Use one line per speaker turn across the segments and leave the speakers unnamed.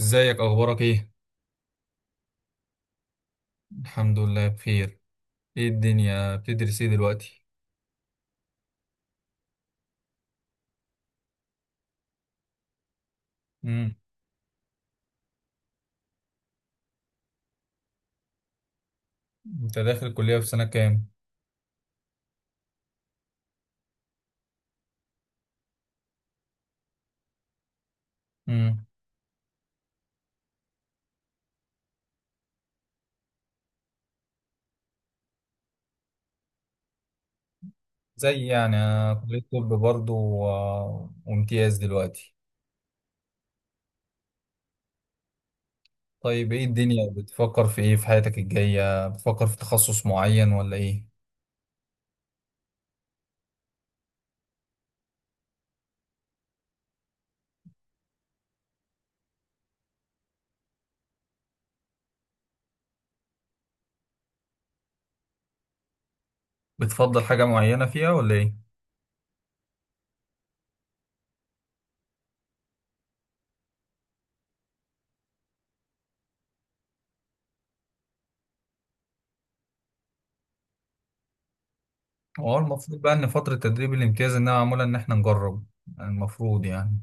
ازيك؟ اخبارك ايه؟ الحمد لله بخير. ايه الدنيا، بتدرس ايه دلوقتي؟ امم. انت داخل الكليه في سنه كام؟ امم. زي يعني أنا كليه طب برضه و- وامتياز دلوقتي. طيب ايه الدنيا بتفكر في ايه، في حياتك الجايه بتفكر في تخصص معين ولا ايه؟ بتفضل حاجه معينه فيها ولا ايه؟ هو المفروض بقى ان فتره تدريب الامتياز انها معموله ان احنا نجرب، المفروض يعني.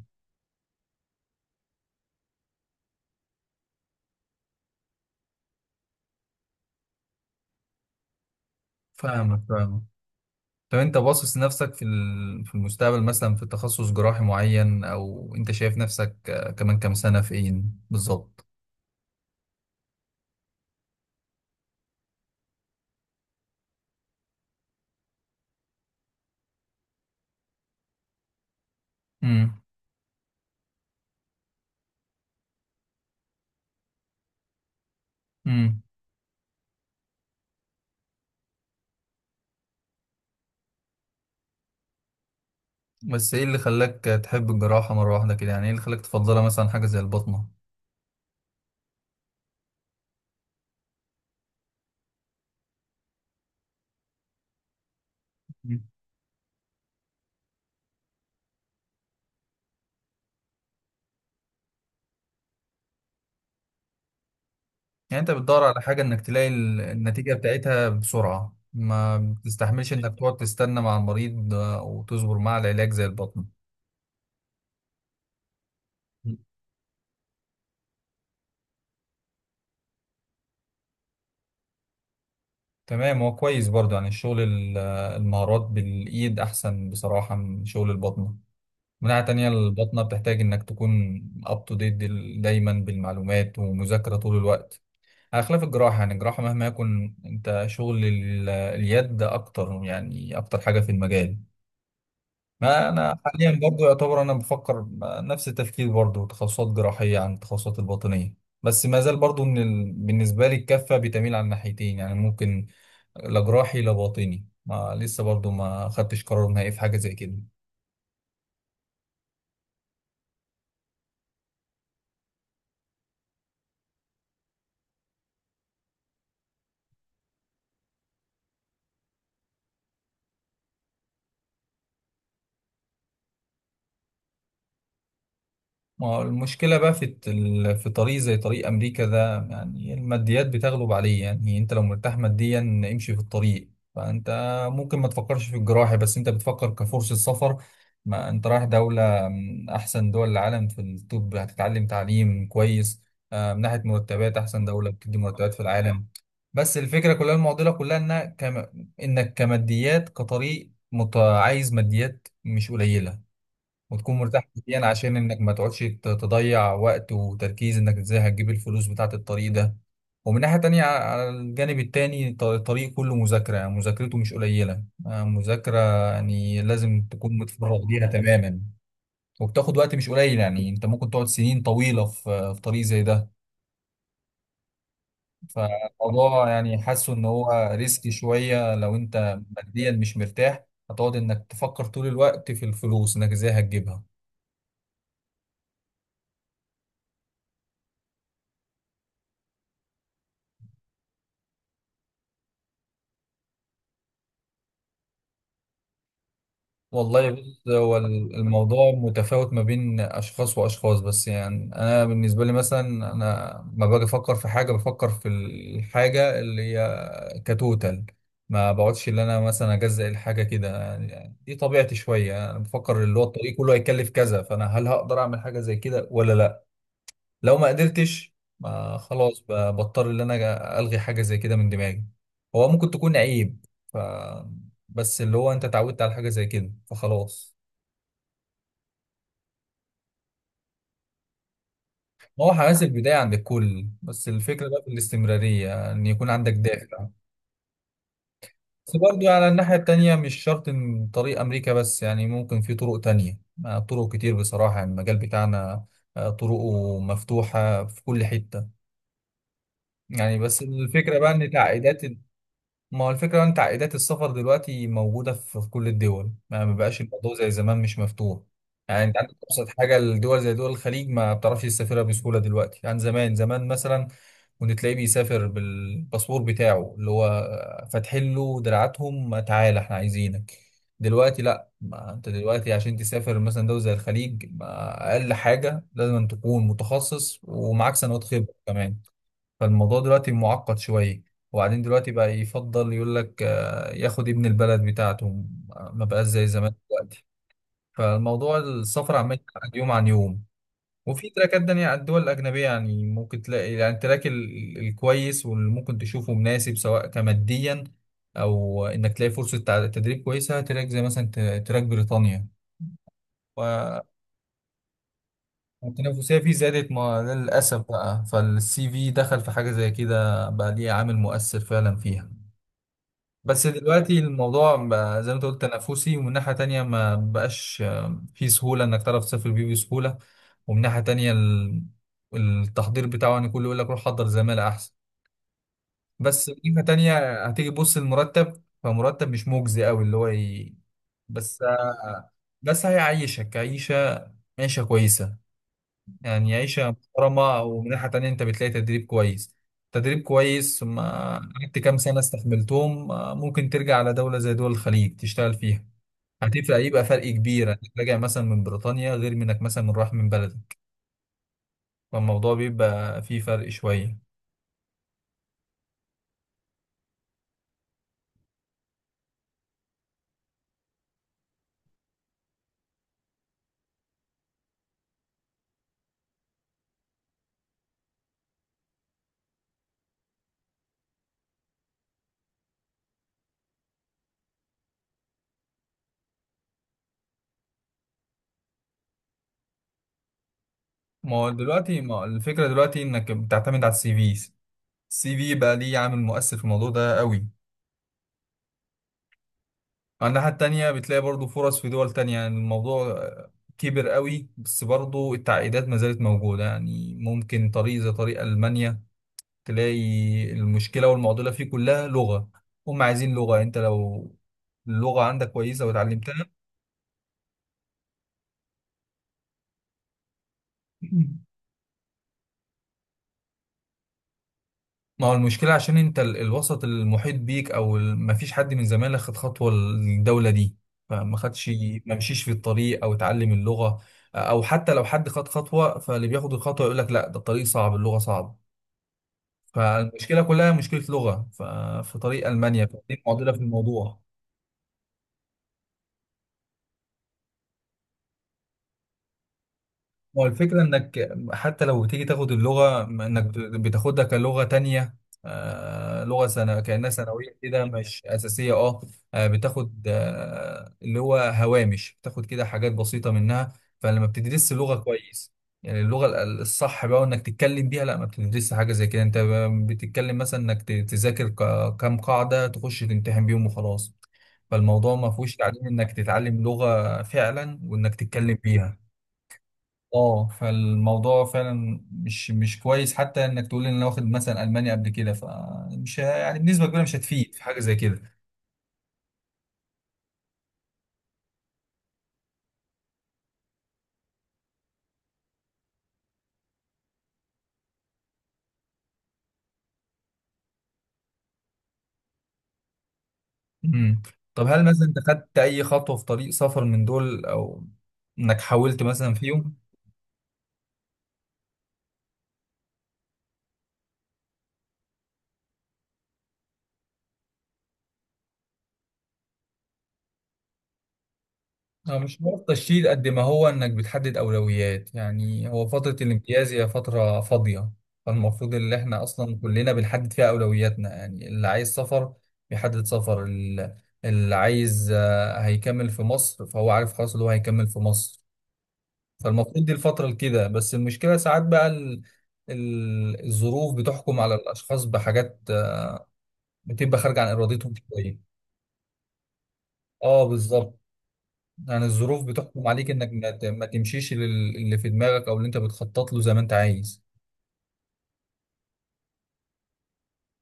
فاهمك. طب انت باصص نفسك في في المستقبل مثلا في تخصص جراحي معين، او انت شايف نفسك كمان كام سنة فين بالظبط؟ امم. امم. بس ايه اللي خلاك تحب الجراحة مرة واحدة كده؟ يعني ايه اللي خلاك تفضلها، مثلا حاجة زي البطنة؟ مم. يعني انت بتدور على حاجة انك تلاقي النتيجة بتاعتها بسرعة، ما بتستحملش انك تقعد تستنى مع المريض وتصبر مع العلاج زي البطنة؟ مم. تمام، هو كويس برضه، يعني الشغل المهارات بالايد احسن بصراحة من شغل البطنة. من ناحية تانية البطنة بتحتاج إنك تكون up to date، دايما بالمعلومات ومذاكرة طول الوقت، على خلاف الجراحة. يعني الجراحة مهما يكون أنت شغل اليد أكتر، يعني أكتر حاجة في المجال. ما أنا حاليا برضو يعتبر أنا بفكر نفس التفكير برضو، تخصصات جراحية عن التخصصات الباطنية. بس ما زال برضو إن ال... بالنسبة لي الكفة بتميل على الناحيتين، يعني ممكن لا جراحي لا باطني، ما لسه برضو ما خدتش قرار نهائي في حاجة زي كده. ما هو المشكلة بقى في طريق زي طريق أمريكا ده، يعني الماديات بتغلب عليه. يعني أنت لو مرتاح ماديا امشي في الطريق، فأنت ممكن ما تفكرش في الجراحة، بس أنت بتفكر كفرصة سفر. ما أنت رايح دولة من أحسن دول العالم في الطب، هتتعلم تعليم كويس، من ناحية مرتبات أحسن دولة بتدي مرتبات في العالم. بس الفكرة كلها، المعضلة كلها إنك كم، إنك كماديات كطريق عايز ماديات مش قليلة، وتكون مرتاح نفسيا عشان انك ما تقعدش تضيع وقت وتركيز انك ازاي هتجيب الفلوس بتاعة الطريق ده. ومن ناحية تانية على الجانب التاني الطريق كله مذاكرة، يعني مذاكرته مش قليلة، مذاكرة يعني لازم تكون متفرغ ليها تماما. وبتاخد وقت مش قليل، يعني انت ممكن تقعد سنين طويلة في طريق زي ده. فالموضوع يعني حاسه ان هو ريسك شوية، لو انت ماديا مش مرتاح هتقعد انك تفكر طول الوقت في الفلوس انك ازاي هتجيبها. والله بص، هو الموضوع متفاوت ما بين أشخاص وأشخاص، بس يعني أنا بالنسبة لي مثلا أنا ما باجي أفكر في حاجة، بفكر في الحاجة اللي هي كتوتال. ما بقعدش اللي أنا مثلا أجزأ الحاجة كده، يعني دي طبيعتي شوية، أنا بفكر اللي هو الطريق كله هيكلف كذا، فأنا هل هقدر أعمل حاجة زي كده ولا لأ؟ لو ما قدرتش ما خلاص، بضطر إن أنا ألغي حاجة زي كده من دماغي. هو ممكن تكون عيب، ف بس اللي هو انت اتعودت على حاجة زي كده فخلاص. هو حماس البداية عند الكل، بس الفكرة بقى في الاستمرارية، إن يكون عندك دافع. بس برضو على الناحية التانية مش شرط إن طريق أمريكا بس، يعني ممكن في طرق تانية، طرق كتير بصراحة، يعني المجال بتاعنا طرقه مفتوحة في كل حتة. يعني بس الفكرة بقى إن تعقيدات ال-، ما هو الفكرة بقى إن تعقيدات السفر دلوقتي موجودة في كل الدول، ما بقاش الموضوع زي زمان مش مفتوح. يعني أنت عندك أبسط حاجة، الدول زي دول الخليج ما بتعرفش تسافرها بسهولة دلوقتي عن زمان. زمان مثلا وان تلاقيه بيسافر بالباسبور بتاعه، اللي هو فاتحين له دراعاتهم تعالى احنا عايزينك. دلوقتي لا، ما انت دلوقتي عشان تسافر مثلا دولة زي الخليج، ما اقل حاجة لازم أن تكون متخصص ومعاك سنوات خبرة كمان. فالموضوع دلوقتي معقد شوية. وبعدين دلوقتي بقى يفضل يقول لك ياخد ابن البلد بتاعته، ما بقاش زي زمان دلوقتي. فالموضوع السفر عمال يتعقد يوم عن يوم. وفي تراكات تانية على الدول الأجنبية، يعني ممكن تلاقي يعني التراك الكويس واللي ممكن تشوفه مناسب، سواء كماديا أو إنك تلاقي فرصة تدريب كويسة، تراك زي مثلا تراك بريطانيا و- والتنافسية فيه زادت، ما للأسف بقى، فالسي في دخل في حاجة زي كده بقى ليه عامل مؤثر فعلا فيها. بس دلوقتي الموضوع بقى زي ما أنت قلت تنافسي، ومن ناحية تانية ما بقاش فيه سهولة إنك تعرف تسافر بيه بسهولة. ومن ناحية تانية التحضير بتاعه يعني كله يقول لك روح حضر زمالة أحسن. بس من ناحية تانية هتيجي تبص المرتب فمرتب مش مجزي أوي، اللي هو ي... بس بس هيعيشك عيشة، كويسة، يعني عيشة محترمة. ومن ناحية تانية أنت بتلاقي تدريب كويس، ثم قعدت كام سنة استحملتهم، ممكن ترجع على دولة زي دول الخليج تشتغل فيها، هتفرق، يبقى فرق كبير انك راجع مثلا من بريطانيا غير منك مثلا من راح من بلدك. فالموضوع بيبقى فيه فرق شوية. ما هو دلوقتي، ما هو الفكرة دلوقتي انك بتعتمد على السي في. السي في بقى ليه عامل مؤثر في الموضوع ده قوي. على الناحية التانية بتلاقي برضو فرص في دول تانية، يعني الموضوع كبر قوي. بس برضو التعقيدات ما زالت موجودة، يعني ممكن طريق زي طريق ألمانيا تلاقي المشكلة والمعضلة فيه كلها لغة، هم عايزين لغة. انت لو اللغة عندك كويسة وتعلمتها، ما هو المشكلة عشان انت الوسط المحيط بيك او ما فيش حد من زمايلك خد خطوة الدولة دي، فما خدش، ما مشيش في الطريق او اتعلم اللغة. او حتى لو حد خد خطوة، فاللي بياخد الخطوة يقول لك لا، ده الطريق صعب، اللغة صعب. فالمشكلة كلها مشكلة لغة في طريق ألمانيا، فدي معضلة في الموضوع. هو الفكرة انك حتى لو تيجي تاخد اللغة، انك بتاخدها كلغة تانية، آه لغة سنة كأنها ثانوية كده مش أساسية، اه بتاخد آه اللي هو هوامش، بتاخد كده حاجات بسيطة منها. فلما بتدرس اللغة كويس، يعني اللغة الصح بقى، وانك تتكلم بيها، لا ما بتدرسش حاجة زي كده. انت بتتكلم مثلا انك تذاكر كام قاعدة تخش تمتحن بيهم وخلاص. فالموضوع ما فيهوش تعليم انك تتعلم لغة فعلا وانك تتكلم بيها. اه فالموضوع فعلا مش كويس، حتى انك تقول ان انا واخد مثلا المانيا قبل كده فمش، يعني بنسبه كبيره مش هتفيد في حاجه زي كده. امم. طب هل مثلا انت خدت اي خطوه في طريق سفر من دول، او انك حاولت مثلا فيهم؟ مش حوار تشديد قد ما هو انك بتحدد اولويات. يعني هو فترة الامتياز هي فترة فاضية، فالمفروض ان احنا اصلا كلنا بنحدد فيها اولوياتنا. يعني اللي عايز سفر بيحدد سفر اللي عايز هيكمل في مصر فهو عارف خلاص اللي هو هيكمل في مصر. فالمفروض دي الفترة كده. بس المشكلة ساعات بقى الظروف بتحكم على الاشخاص بحاجات، بتبقى خارجة عن ارادتهم شوية. اه بالظبط. يعني الظروف بتحكم عليك انك ما تمشيش اللي في دماغك او اللي انت بتخطط له زي ما انت عايز.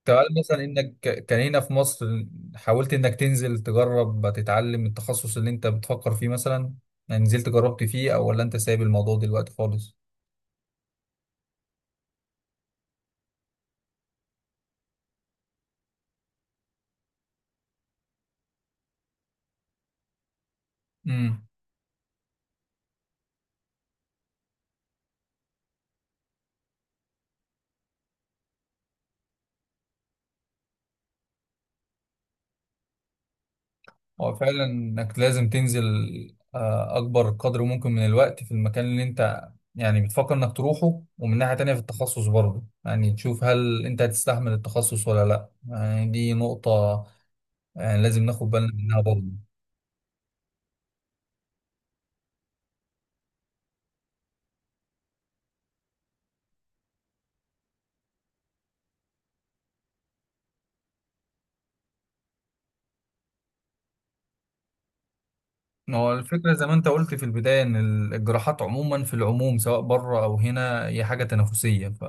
تعال مثلا انك كان هنا في مصر، حاولت انك تنزل تجرب تتعلم التخصص اللي انت بتفكر فيه مثلا؟ يعني نزلت جربت فيه، او ولا انت سايب الموضوع دلوقتي خالص؟ امم. هو فعلا انك لازم تنزل اكبر قدر ممكن من الوقت في المكان اللي انت يعني بتفكر انك تروحه. ومن ناحية تانية في التخصص برضه، يعني تشوف هل انت هتستحمل التخصص ولا لا، يعني دي نقطة، يعني لازم ناخد بالنا منها برضه. ما هو الفكرة زي ما انت قلت في البداية ان الجراحات عموما، في العموم سواء بره او هنا، هي حاجة تنافسية.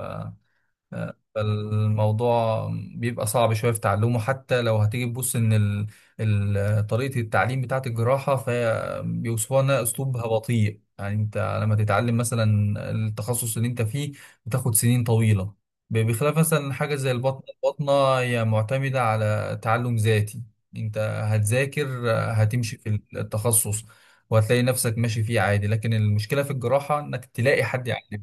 فالموضوع بيبقى صعب شوية في تعلمه، حتى لو هتيجي تبص إن ال... ال... طريقة التعليم بتاعة الجراحة فهي بيوصفوها إنها أسلوبها بطيء. يعني أنت لما تتعلم مثلا التخصص اللي أنت فيه بتاخد سنين طويلة، بخلاف مثلا حاجة زي البطنة. البطنة هي معتمدة على تعلم ذاتي، أنت هتذاكر هتمشي في التخصص، وهتلاقي نفسك ماشي فيه عادي. لكن المشكلة في الجراحة إنك تلاقي حد يعلمك،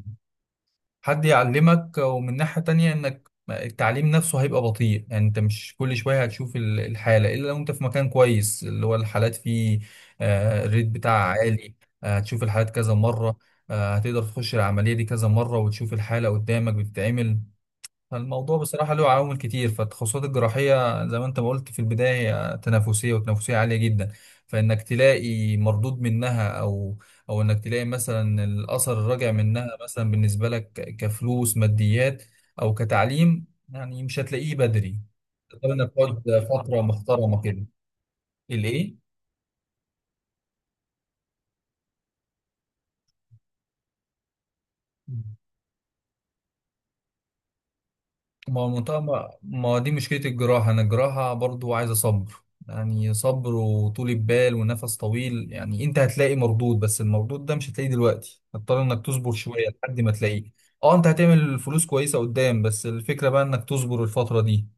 ومن ناحية تانية انك التعليم نفسه هيبقى بطيء. يعني انت مش كل شوية هتشوف الحالة، الا لو انت في مكان كويس اللي هو الحالات فيه الريت بتاعها عالي. هتشوف الحالات كذا مرة، هتقدر تخش العملية دي كذا مرة وتشوف الحالة قدامك بتتعمل. الموضوع بصراحة له عوامل كتير، فالتخصصات الجراحية زي ما انت ما قلت في البداية هي تنافسية، وتنافسية عالية جدا. فإنك تلاقي مردود منها، أو أو إنك تلاقي مثلا الأثر الراجع منها مثلا بالنسبة لك، كفلوس ماديات أو كتعليم، يعني مش هتلاقيه بدري. طبعا إنك تقعد فترة محترمة كده الإيه؟ ما هو المنطقة، ما هو دي مشكلة الجراحة. أنا الجراحة برضو عايزة صبر، يعني صبر وطولة بال ونفس طويل. يعني أنت هتلاقي مردود، بس المردود ده مش هتلاقيه دلوقتي، هتضطر إنك تصبر شوية لحد ما تلاقيه. أه أنت هتعمل فلوس كويسة قدام، بس الفكرة بقى إنك تصبر الفترة دي.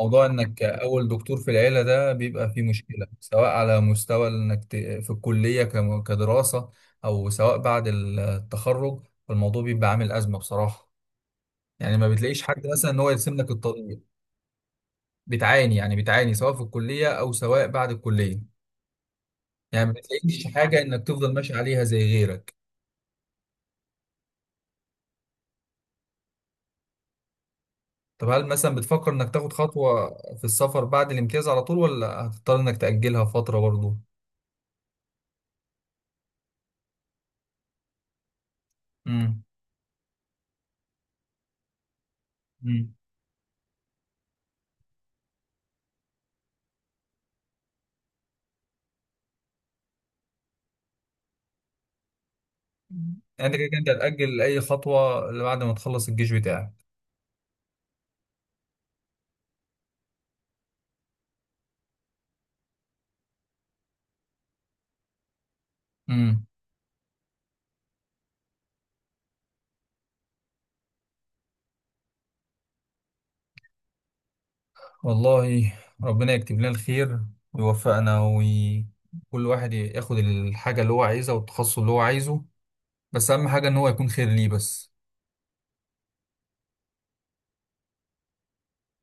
موضوع إنك أول دكتور في العيلة ده بيبقى فيه مشكلة، سواء على مستوى إنك في الكلية، كدراسة أو سواء بعد التخرج. فالموضوع بيبقى عامل أزمة بصراحة، يعني ما بتلاقيش حد مثلا ان هو يرسم لك الطريق. بتعاني، يعني بتعاني سواء في الكلية او سواء بعد الكلية، يعني ما بتلاقيش حاجة انك تفضل ماشي عليها زي غيرك. طب هل مثلا بتفكر انك تاخد خطوة في السفر بعد الامتياز على طول، ولا هتضطر انك تأجلها فترة برضه؟ امم. امم. يعني انت كده كده انت هتأجل اي خطوة اللي بعد ما تخلص الجيش بتاعك. امم. والله ربنا يكتب لنا الخير ويوفقنا، وكل واحد ياخد الحاجة اللي هو عايزها والتخصص اللي هو عايزه، بس اهم حاجه ان هو يكون خير ليه بس.